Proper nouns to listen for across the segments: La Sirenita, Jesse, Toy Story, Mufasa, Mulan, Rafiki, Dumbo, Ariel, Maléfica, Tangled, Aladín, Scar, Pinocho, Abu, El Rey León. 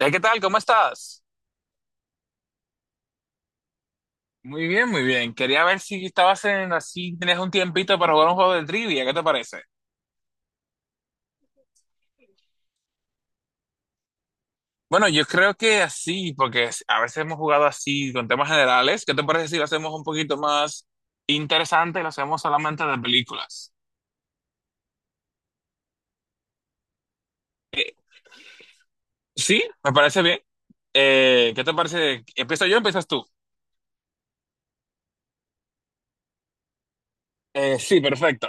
¿Qué tal? ¿Cómo estás? Muy bien, muy bien. Quería ver si estabas en así, tenías un tiempito para jugar un juego de trivia. ¿Qué te parece? Bueno, yo creo que así, porque a veces hemos jugado así con temas generales. ¿Qué te parece si lo hacemos un poquito más interesante y lo hacemos solamente de películas? Sí, me parece bien. ¿Qué te parece? ¿Empiezo yo o empiezas tú? Sí, perfecto.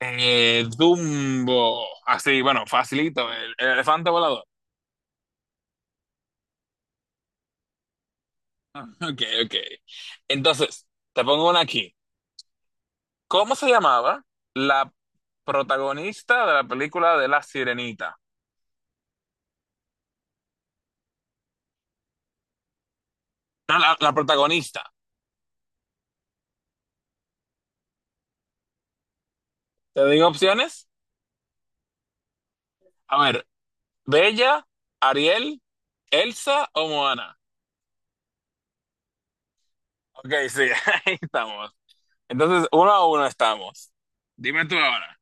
Dumbo. Así, bueno, facilito. El elefante volador. Ok, ok. Entonces, te pongo una aquí. ¿Cómo se llamaba la protagonista de la película de La Sirenita? No, la protagonista. ¿Te digo opciones? A ver, ¿Bella, Ariel, Elsa o Moana? Ok, sí, ahí estamos. Entonces, 1-1 estamos. Dime tú ahora.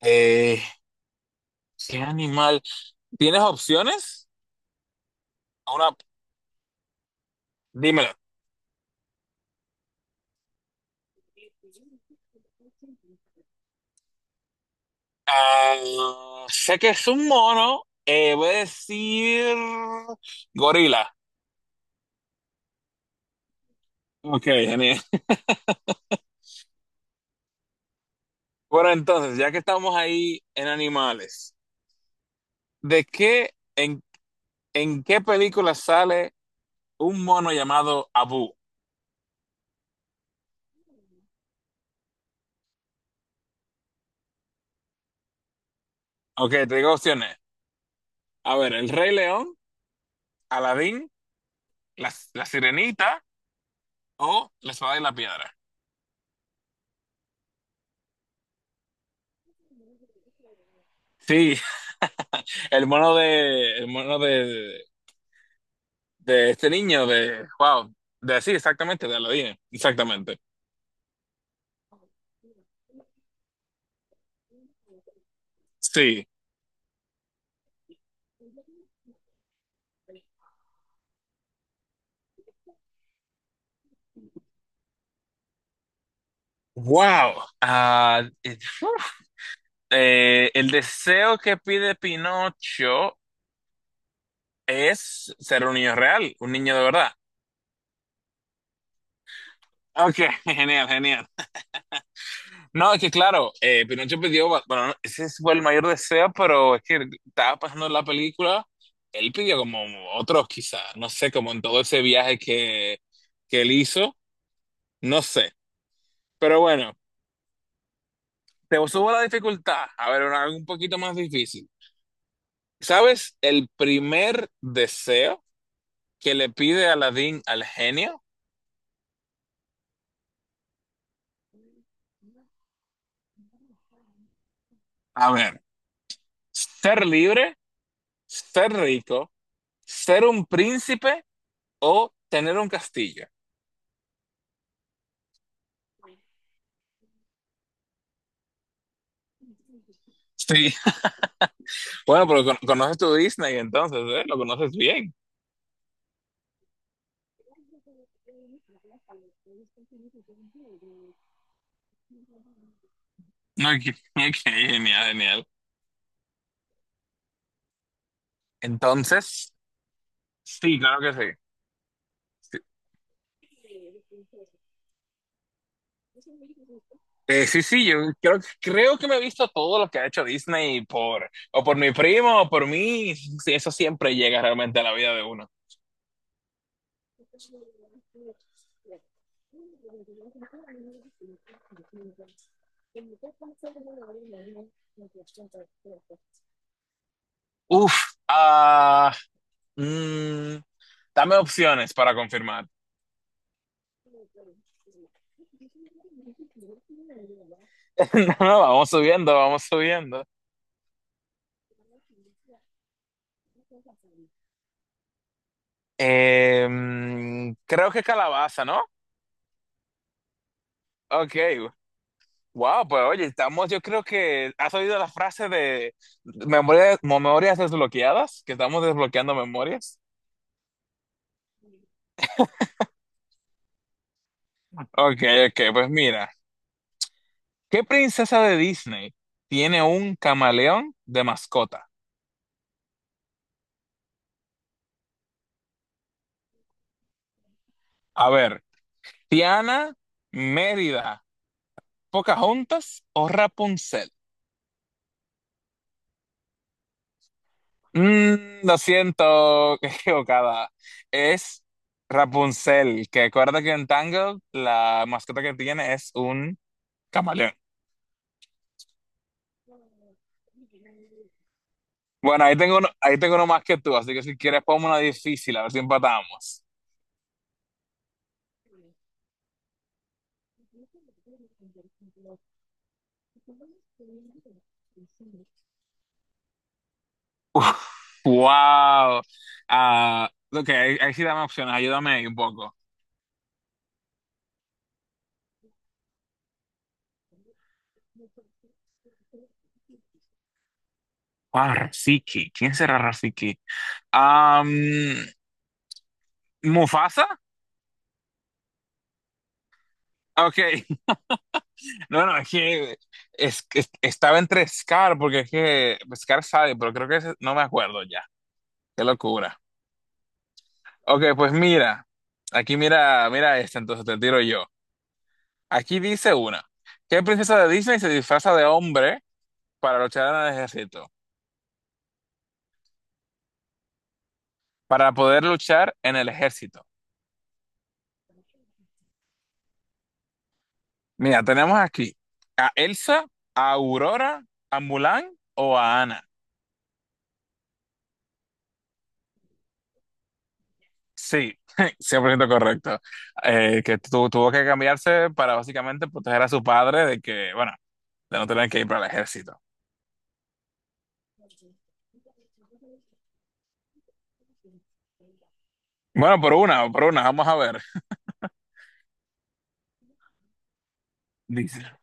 Eh, ¿Qué animal? ¿Tienes opciones? Una, dímelo. Ah, sé que es un mono. Voy a decir gorila. Ok, genial. Bueno, entonces, ya que estamos ahí en animales, ¿de qué, en, en qué película sale un mono llamado Abu? Ok, te digo opciones. A ver, El Rey León, Aladín, la Sirenita o La Espada y la Piedra. Sí, el mono de, el mono de, de este niño de, wow, de sí, exactamente, de Aladín, exactamente. Sí, wow. Ah, uf. El deseo que pide Pinocho es ser un niño real, un niño de verdad. Ok, genial, genial. No, es que claro, Pinocho pidió, bueno, no, ese fue el mayor deseo, pero es que estaba pasando la película, él pidió como otros quizás, no sé, como en todo ese viaje que él hizo, no sé. Pero bueno, te subo la dificultad, a ver, algo un poquito más difícil. ¿Sabes el primer deseo que le pide Aladín al genio? A ver, ser libre, ser rico, ¿ser un príncipe o tener un castillo? Sí. Bueno, pero conoces tu Disney entonces, ¿eh? Lo conoces bien. Ok, ok, genial, genial. Entonces, sí, claro que sí. Sí, sí, yo creo que me he visto todo lo que ha hecho Disney por, o por mi primo o por mí. Sí, eso siempre llega realmente a la vida de uno. Uf, ah, mm, dame opciones para confirmar. No, no, vamos subiendo, vamos subiendo. Creo que calabaza, ¿no? Ok, wow, pues oye, estamos, yo creo que has oído la frase de memorias, memorias desbloqueadas, que estamos desbloqueando memorias. Ok, ok, pues mira, ¿qué princesa de Disney tiene un camaleón de mascota? A ver, ¿Tiana, Mérida, Pocahontas o Rapunzel? Lo siento, qué equivocada. Es Rapunzel, que recuerda que en Tangled la mascota que tiene es un camaleón. Bueno, ahí tengo uno más que tú, así que si quieres ponme una difícil, a ver si empatamos. Wow. Ah, ok, ahí sí dame opciones, ayúdame ahí un poco. Wow, Rafiki, ¿quién será Rafiki? Am, ¿Mufasa? Ok, No, no, es que estaba entre Scar, porque es que Scar sabe, pero creo que no me acuerdo ya. Qué locura. Ok, pues mira, aquí mira esta, entonces te tiro yo. Aquí dice una. ¿Qué princesa de Disney se disfraza de hombre para luchar en el ejército? Para poder luchar en el ejército. Mira, tenemos aquí a Elsa, a Aurora, a Mulan o a Ana. Sí, 100% correcto. Que tuvo que cambiarse para básicamente proteger a su padre de que, bueno, de no tener que ir para el ejército. Bueno, por una, vamos a ver. Dice,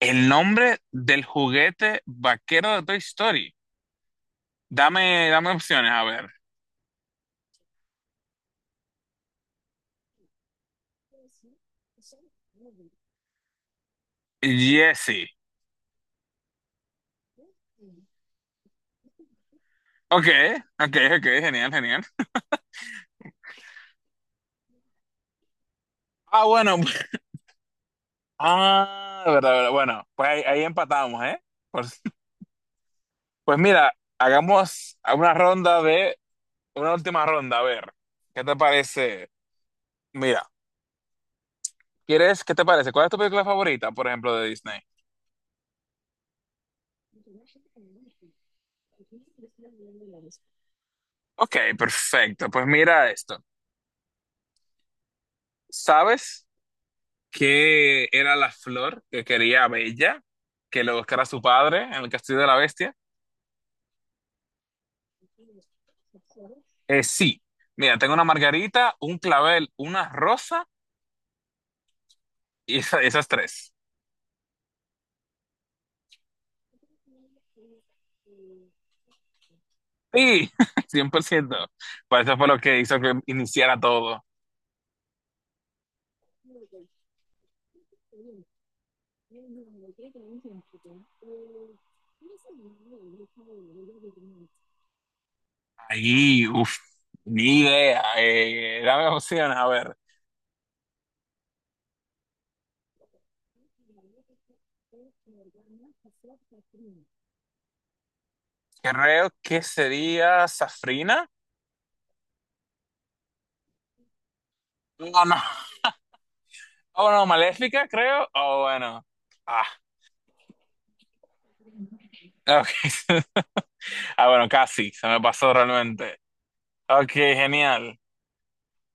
el nombre del juguete vaquero de Toy Story. Dame opciones, a ver. Jesse. Ok, ok, ok, genial, genial. Ah, bueno. Ah, verdad, verdad. Bueno, pues ahí empatamos, ¿eh? Pues, pues mira, hagamos una última ronda, a ver, ¿qué te parece? Mira, ¿qué te parece? ¿Cuál es tu película favorita, por ejemplo, de Disney? Ok, perfecto. Pues mira esto. ¿Sabes qué era la flor que quería Bella que lo buscara su padre en el Castillo de la Bestia? Sí. Mira, tengo una margarita, un clavel, una rosa y esas tres. Sí, cien por ciento. Pues eso fue lo que hizo que iniciara todo. Ahí, uff, ni idea. Dame opciones, a ver. Creo que sería Safrina. No, no. Oh, no, Maléfica, creo. Oh, bueno. Ah, ok. Ah, bueno, casi. Se me pasó realmente. Ok, genial.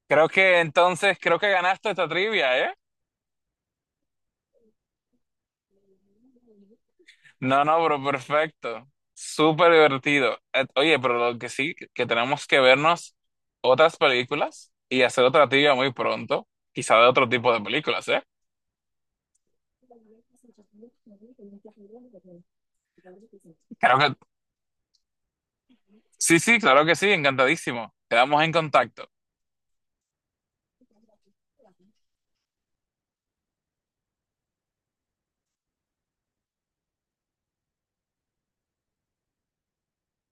Creo que ganaste esta trivia, ¿eh? No, no, pero perfecto. Súper divertido. Oye, pero lo que sí, que tenemos que vernos otras películas y hacer otra trivia muy pronto. Quizá de otro tipo de películas, ¿eh? Creo que sí, sí, claro que sí. Encantadísimo. Quedamos en contacto.